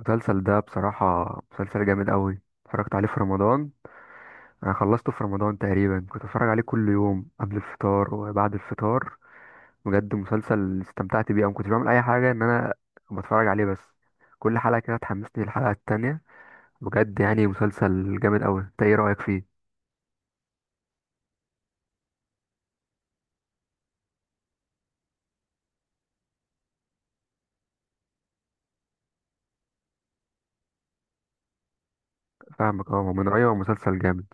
المسلسل ده بصراحة مسلسل جامد قوي. اتفرجت عليه في رمضان، انا خلصته في رمضان تقريبا، كنت اتفرج عليه كل يوم قبل الفطار وبعد الفطار. بجد مسلسل استمتعت بيه، انا ما كنتش بعمل اي حاجة ان انا بتفرج عليه بس. كل حلقة كده تحمسني للحلقة التانية. بجد يعني مسلسل جامد قوي، انت ايه رأيك فيه؟ فاهمك، اه، من رأيي هو مسلسل جامد.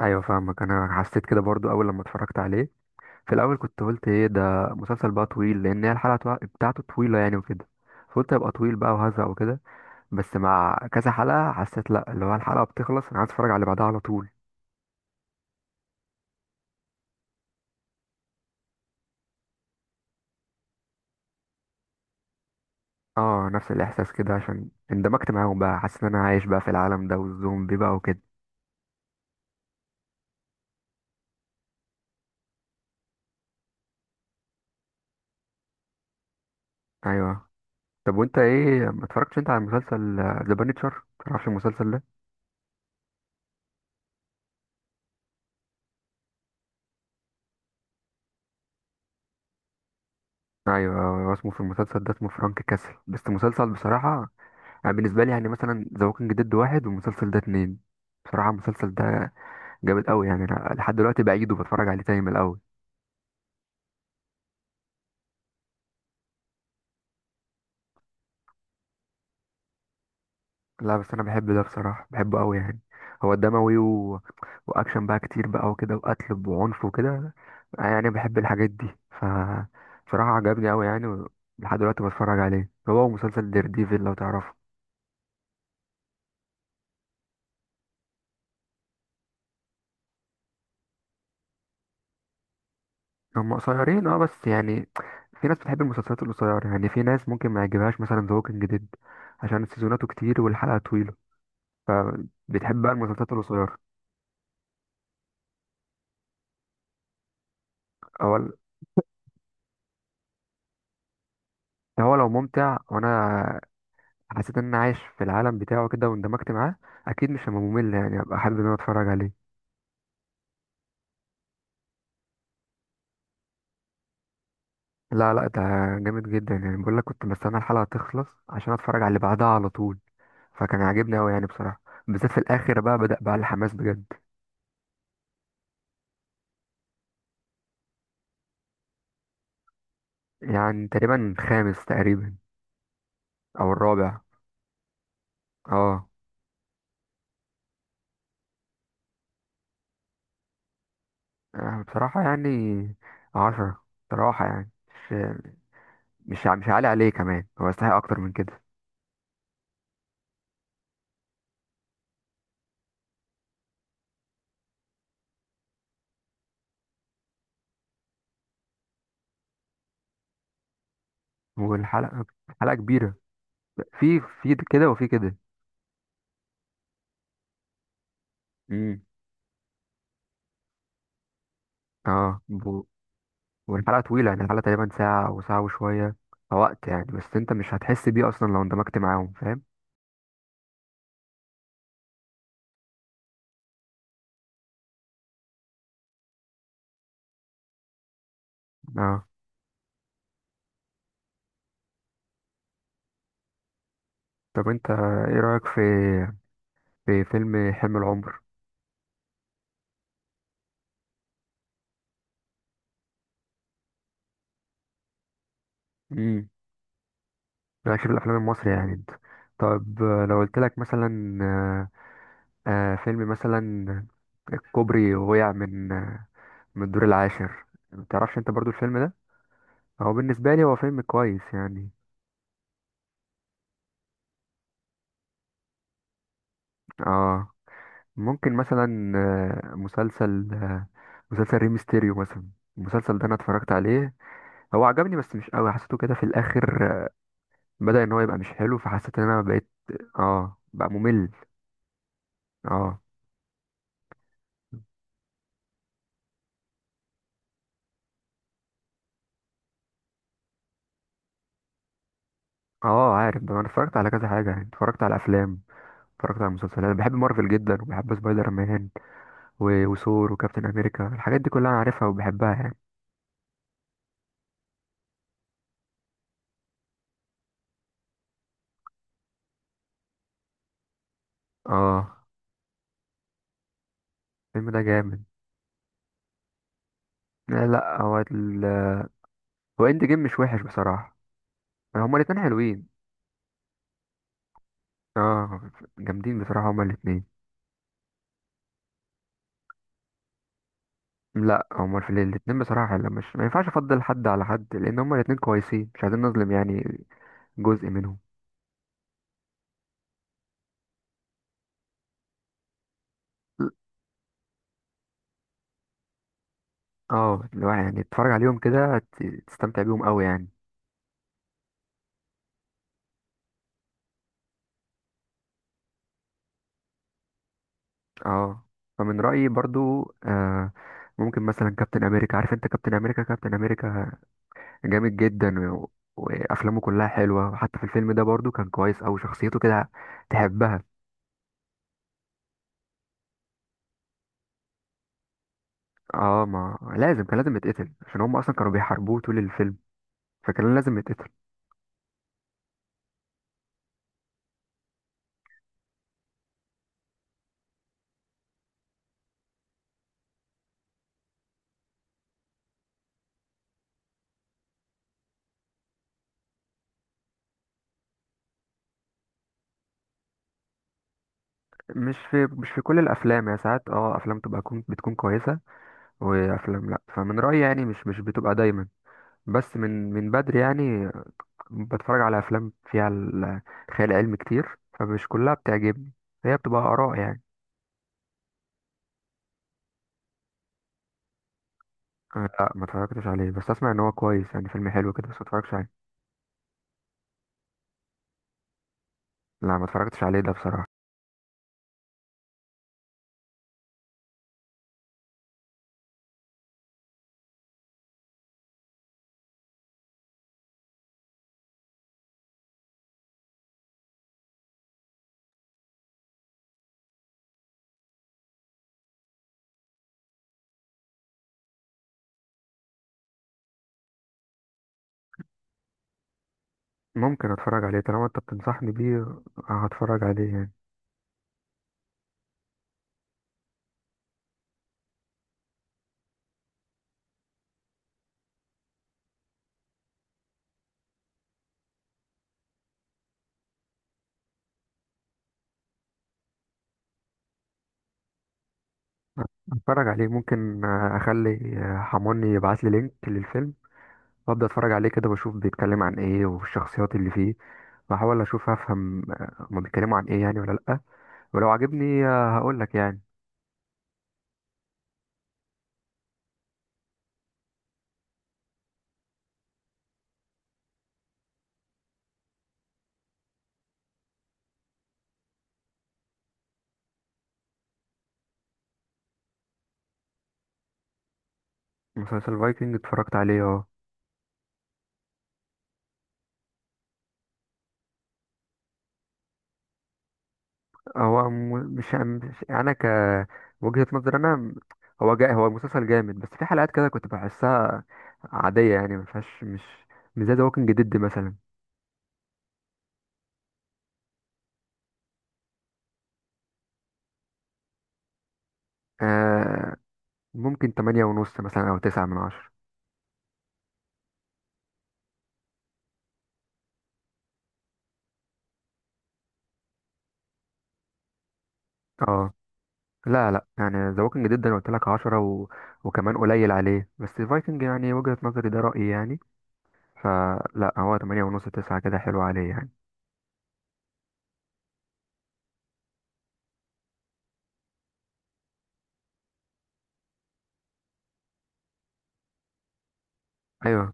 ايوه فاهمك، انا حسيت كده برضو اول لما اتفرجت عليه. في الاول كنت قلت ايه ده، مسلسل بقى طويل، لان هي الحلقة بتاعته طويلة يعني وكده. فقلت هيبقى طويل بقى وهزق وكده. بس مع كذا حلقة حسيت لأ، اللي هو الحلقة بتخلص أنا عايز أتفرج على اللي بعدها على طول. اه، نفس الإحساس كده، عشان اندمجت معاهم بقى، حاسس إن أنا عايش بقى في العالم ده والزومبي بقى وكده. أيوه. طب وأنت إيه، ما اتفرجتش أنت على مسلسل ذا بانيتشر؟ متعرفش المسلسل ده؟ أيوه. هو اسمه في المسلسل ده اسمه فرانك كاسل، بس مسلسل بصراحة يعني بالنسبة لي يعني مثلا ذا ووكينج ديد واحد والمسلسل ده اتنين. بصراحة المسلسل ده جامد أوي يعني، أنا لحد دلوقتي بعيده وبتفرج عليه تاني من الأول. لا بس انا بحب ده بصراحه، بحبه قوي يعني. هو دموي و... واكشن بقى كتير بقى وكده، وقتل وعنف وكده. يعني بحب الحاجات دي. ف بصراحه عجبني قوي يعني لحد دلوقتي بتفرج عليه. هو مسلسل دير ديفل لو تعرفه. هم قصيرين اه، بس يعني في ناس بتحب المسلسلات القصيره، يعني في ناس ممكن ما يعجبهاش مثلا ذا ووكينج ديد عشان سيزوناته كتير والحلقه طويله، فبتحب بقى المسلسلات القصيره. اول هو لو ممتع وانا حسيت ان انا عايش في العالم بتاعه كده واندمجت معاه، اكيد مش هبقى ممل يعني، ابقى حابب ان انا اتفرج عليه. لا لا، ده جامد جدا يعني، بقول لك كنت بستنى الحلقه تخلص عشان اتفرج على اللي بعدها على طول. فكان عاجبني قوي يعني بصراحه، بالذات في الاخر بقى بدأ بقى الحماس بجد. يعني تقريبا خامس تقريبا او الرابع. اه. بصراحه يعني 10، بصراحه يعني مش مش عالي عليه كمان، هو يستحق اكتر من كده. والحلقه حلقه كبيره، في كده وفي كده. امم. اه، والحلقة طويلة يعني، الحلقة تقريبا ساعة أو ساعة وشوية، فوقت يعني، بس أنت مش هتحس بيه أصلا لو اندمجت معاهم، فاهم؟ اه. طب أنت إيه رأيك في فيلم حلم العمر؟ امم. رأيك في الأفلام المصري يعني أنت، طب، لو قلت لك مثلا فيلم مثلا الكوبري وقع من من الدور العاشر، متعرفش أنت برضو الفيلم ده؟ هو بالنسبة لي هو فيلم كويس يعني. اه. ممكن مثلا مسلسل مسلسل ريمستيريو مثلا. المسلسل ده انا اتفرجت عليه، هو عجبني بس مش قوي، حسيته كده في الاخر بدأ ان هو يبقى مش حلو، فحسيت ان انا بقيت. اه بقى ممل. اه اه، عارف ده، انا اتفرجت على كذا حاجة يعني، اتفرجت على افلام، اتفرجت على مسلسلات. بحب مارفل جدا وبحب سبايدر مان وثور وكابتن امريكا، الحاجات دي كلها انا عارفها وبحبها يعني. اه، الفيلم ده جامد. لا لا، هو ال... هو اند جيم مش وحش بصراحة، هما الاتنين حلوين. اه، جامدين بصراحة هما الاتنين. لا، هما في الاتنين بصراحة حلو، مش، ما ينفعش افضل حد على حد، لان هما الاتنين كويسين، مش عايزين نظلم يعني جزء منهم. اه، اللي هو يعني تتفرج عليهم كده تستمتع بيهم قوي يعني. اه. فمن رأيي برضو، آه، ممكن مثلا كابتن امريكا، عارف انت كابتن امريكا؟ كابتن امريكا جامد جدا و... وافلامه كلها حلوة، وحتى في الفيلم ده برضو كان كويس اوي شخصيته كده، تحبها. اه، ما لازم، كان لازم يتقتل عشان هم اصلا كانوا بيحاربوه طول الفيلم، فكان لازم يتقتل. مش في كل الافلام، يا ساعات اه افلام تبقى، بتكون كويسه وافلام لا، فمن رايي يعني مش بتبقى دايما، بس من بدري يعني بتفرج على افلام فيها خيال علمي كتير، فمش كلها بتعجبني، هي بتبقى اراء يعني. أنا لا، ما اتفرجتش عليه، بس اسمع ان هو كويس يعني، فيلم حلو كده بس ما اتفرجتش عليه. لا ما اتفرجتش عليه ده بصراحه. ممكن اتفرج عليه طالما انت بتنصحني بيه. هتفرج عليه يعني. هتفرج عليه، ممكن اخلي حموني يبعت لي لينك للفيلم وابدا اتفرج عليه كده، واشوف بيتكلم عن ايه والشخصيات اللي فيه، واحاول اشوف افهم هما بيتكلموا عن ايه يعني ولا لا، ولو عجبني هقول لك يعني. مسلسل فايكنج اتفرجت عليه اه. هو م- مش مش- انا ك وجهة نظر انا، هو هو مسلسل جامد، بس في حلقات كده كنت بحسها عادية يعني، ما فيهاش، مش زي ذا ووكينج ديد مثلا. آه ممكن 8.5 مثلا او 9 من 10. اه، لا لا، يعني ذا ووكينج ديد انا قلت لك 10 و... وكمان قليل عليه، بس فايكنج يعني وجهة نظري ده رأيي يعني، فلا، هو 8 ونص، 9 كده حلو عليه يعني. ايوه،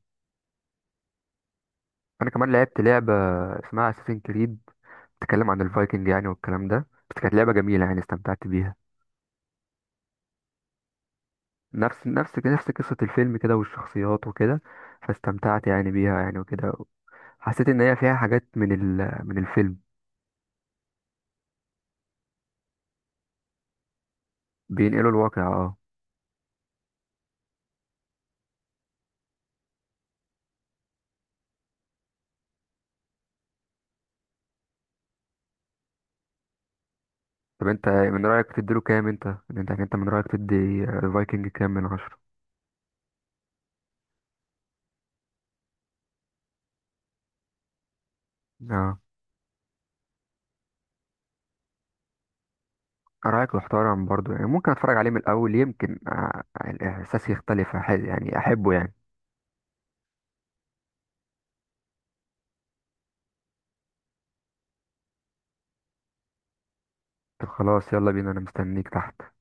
انا كمان لعبت لعبة اسمها اساسين كريد، بتتكلم عن الفايكنج يعني والكلام ده، بس كانت لعبة جميلة يعني استمتعت بيها. نفس نفس قصة الفيلم كده والشخصيات وكده، فاستمتعت يعني بيها يعني وكده، حسيت ان هي فيها حاجات من الفيلم. بينقلوا الواقع اه. طب انت من رأيك تديله كام انت؟ انت من رأيك الفايكنج كام من 10؟ اه، رأيك محترم برضو يعني، ممكن اتفرج عليه من الاول يمكن الاحساس يختلف، يعني احبه يعني. طب خلاص يلا بينا، انا مستنيك تحت.